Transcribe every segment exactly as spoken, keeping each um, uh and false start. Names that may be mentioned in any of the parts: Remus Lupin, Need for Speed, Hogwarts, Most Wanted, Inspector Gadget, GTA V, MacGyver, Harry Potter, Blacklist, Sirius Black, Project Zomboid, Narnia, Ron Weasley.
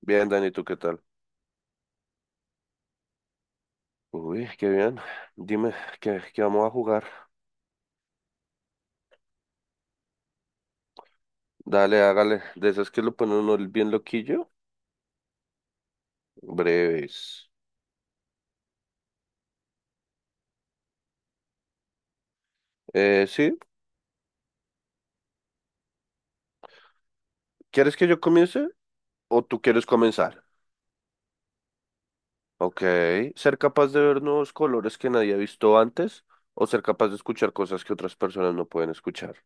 Bien, Dani, ¿tú qué tal? Uy, qué bien. Dime, ¿qué, qué vamos a jugar? Dale, hágale. De esas que lo ponen uno bien loquillo. Breves. Eh, sí. ¿Quieres que yo comience? ¿O tú quieres comenzar? Ok. ¿Ser capaz de ver nuevos colores que nadie ha visto antes? ¿O ser capaz de escuchar cosas que otras personas no pueden escuchar?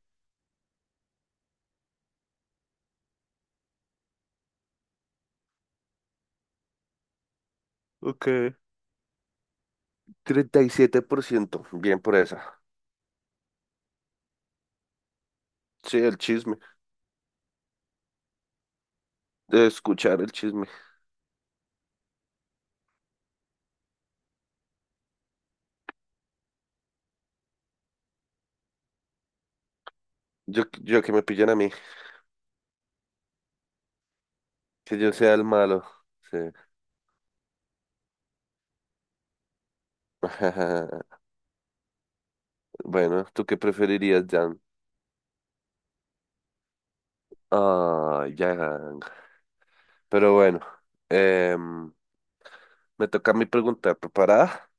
Ok. Treinta y siete por ciento. Bien por esa. Sí, el chisme. De escuchar el chisme. Yo, yo que me pillan a mí. Que yo sea el malo. Sí. Bueno, ¿tú qué preferirías, Jan? Ah, Jan. Pero bueno, em, me toca a mí preguntar, ¿preparada?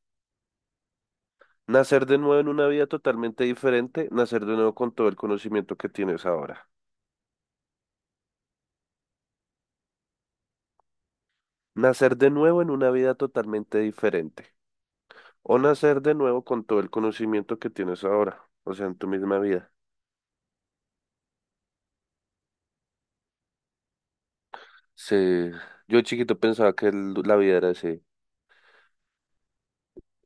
Nacer de nuevo en una vida totalmente diferente, nacer de nuevo con todo el conocimiento que tienes ahora. Nacer de nuevo en una vida totalmente diferente. O nacer de nuevo con todo el conocimiento que tienes ahora, o sea, en tu misma vida. Sí, yo chiquito pensaba que el- la vida era así,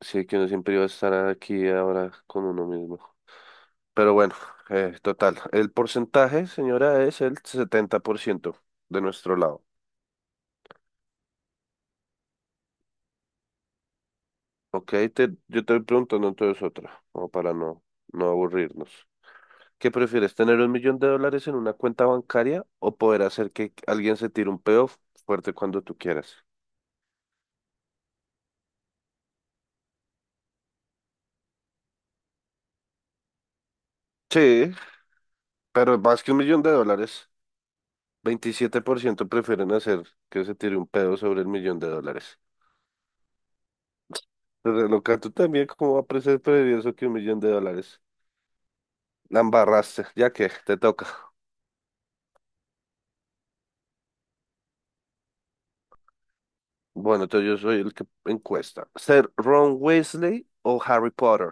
sí, que uno siempre iba a estar aquí ahora con uno mismo. Pero bueno, eh, total. El porcentaje, señora, es el setenta por ciento de nuestro lado. Ok, te- yo te voy preguntando entonces otra, como para no, no aburrirnos. ¿Qué prefieres, tener un millón de dólares en una cuenta bancaria o poder hacer que alguien se tire un peo fuerte cuando tú quieras? Sí, pero más que un millón de dólares, veintisiete por ciento prefieren hacer que se tire un pedo sobre el millón de dólares. Pero loca, tú también, ¿cómo va a ser preferido eso que un millón de dólares? La embarraste, ya que te toca. Bueno, entonces yo soy el que encuesta. ¿Ser Ron Weasley o Harry Potter?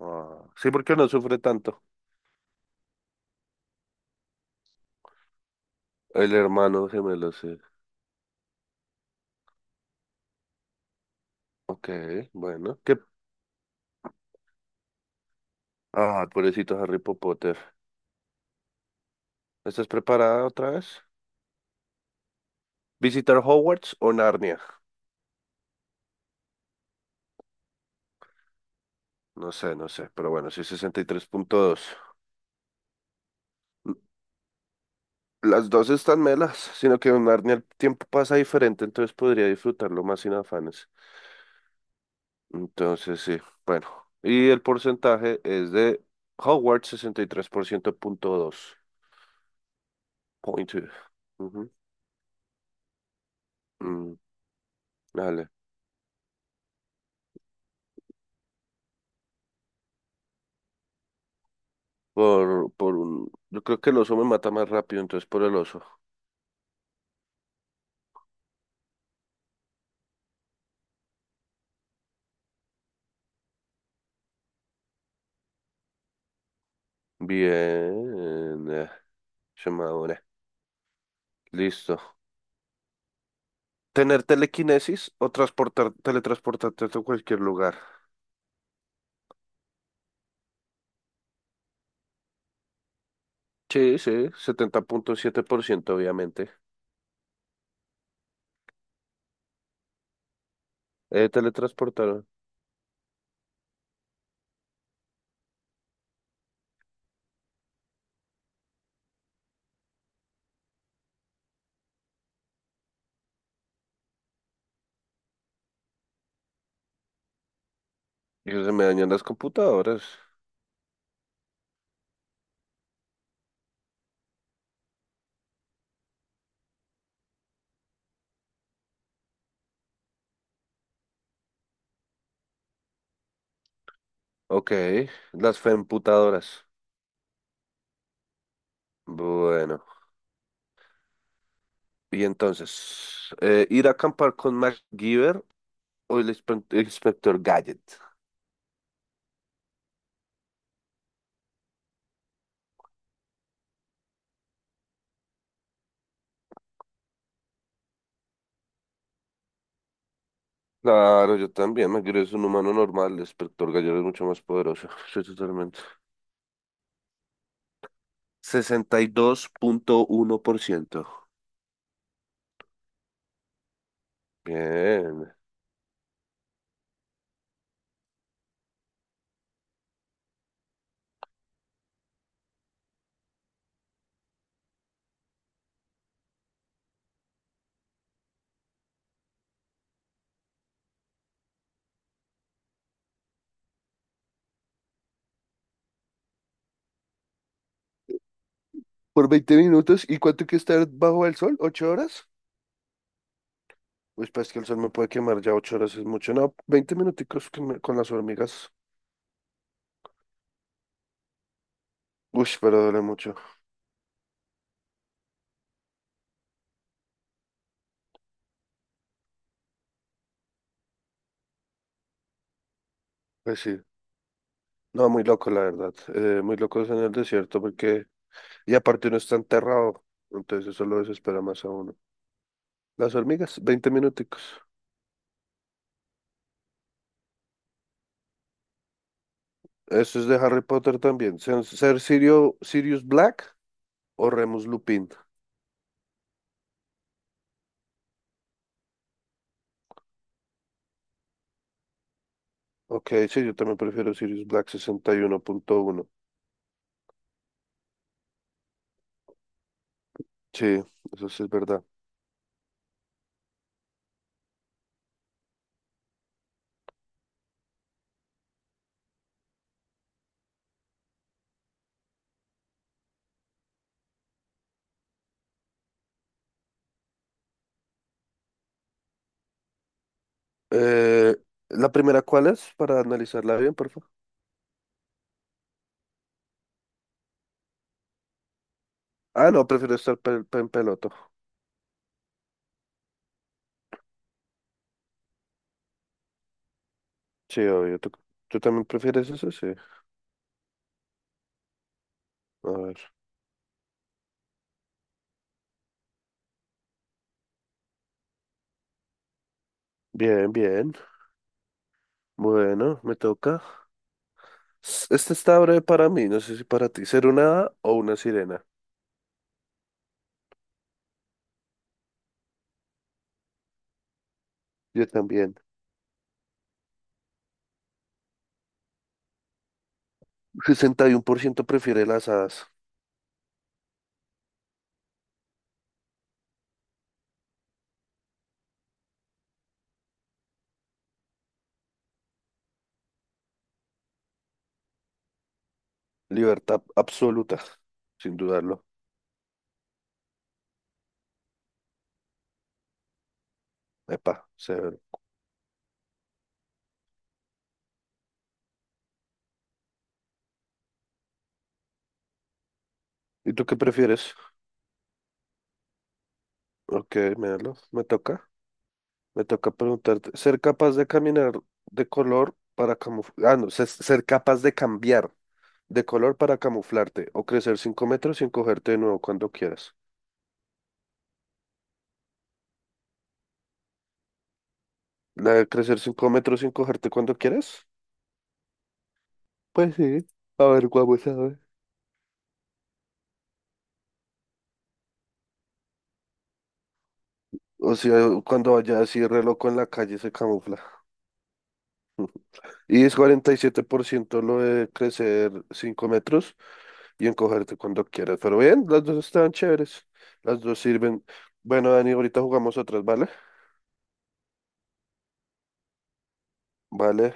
Ah, sí, porque no sufre tanto. El hermano gemelo, sí. Ok, bueno. ¿Qué? Ah, pobrecito Harry Potter. ¿Estás preparada otra vez? ¿Visitar Hogwarts o Narnia? No sé, no sé, pero bueno, sí, sesenta y tres punto dos. Las dos están melas, sino que en Narnia el tiempo pasa diferente, entonces podría disfrutarlo más sin afanes. Entonces, sí, bueno. Y el porcentaje es de Howard, sesenta y tres por ciento punto dos point. Ujú. Mm, dale. Por, por un, yo creo que el oso me mata más rápido, entonces por el oso. Bien. eh, llamadora. Listo. ¿Tener telequinesis o transportar, teletransportarte a cualquier lugar? Sí, sí, setenta punto siete por ciento obviamente. Eh, teletransportar. Y se me dañan las computadoras. Ok, las femputadoras. Bueno, y entonces, eh, ir a acampar con MacGyver o el inspe- el inspector Gadget. Claro, yo también. MacGyver es un humano normal, el inspector Gadget es mucho más poderoso. Sí, totalmente. Sesenta y dos punto uno por ciento. Bien. Por veinte minutos, ¿y cuánto hay que estar bajo el sol? ¿Ocho horas? Pues pues que el sol me puede quemar ya ocho horas, es mucho. No, veinte minuticos que me- con las hormigas. Uy, pero duele mucho. Pues sí. No, muy loco, la verdad. Eh, muy locos en el desierto porque, y aparte uno está enterrado, entonces eso lo desespera más a uno. Las hormigas, veinte minuticos. Eso es de Harry Potter también. Ser, ser Sirio- Sirius Black o Remus Lupin. Ok, sí, yo también prefiero Sirius Black sesenta y uno punto uno. Sí, eso sí es verdad. Eh, ¿La primera cuál es? Para analizarla bien, por favor. Ah, no, prefiero estar pe- pe- en peloto. Sí, obvio. ¿Tú, tú también prefieres eso? Sí. A ver. Bien, bien. Bueno, me toca. Este está breve para mí, no sé si para ti, ser una hada o una sirena. Yo también. Sesenta y uno por ciento prefiere las hadas. Libertad absoluta, sin dudarlo. Epa, severo. ¿Y tú qué prefieres? Ok, míralo. Me toca. Me toca preguntarte. ¿Ser capaz de caminar de color para camuflar? Ah, no, ser, ser capaz de cambiar de color para camuflarte o crecer cinco metros sin cogerte de nuevo cuando quieras. ¿La de crecer cinco metros sin cogerte cuando quieras? Pues sí. A ver, vamos sabes. O sea, cuando vaya así re loco en la calle se camufla. Y es cuarenta y siete por ciento lo de crecer cinco metros y encogerte cuando quieras. Pero bien, las dos están chéveres. Las dos sirven. Bueno, Dani, ahorita jugamos otras, ¿vale? Vale.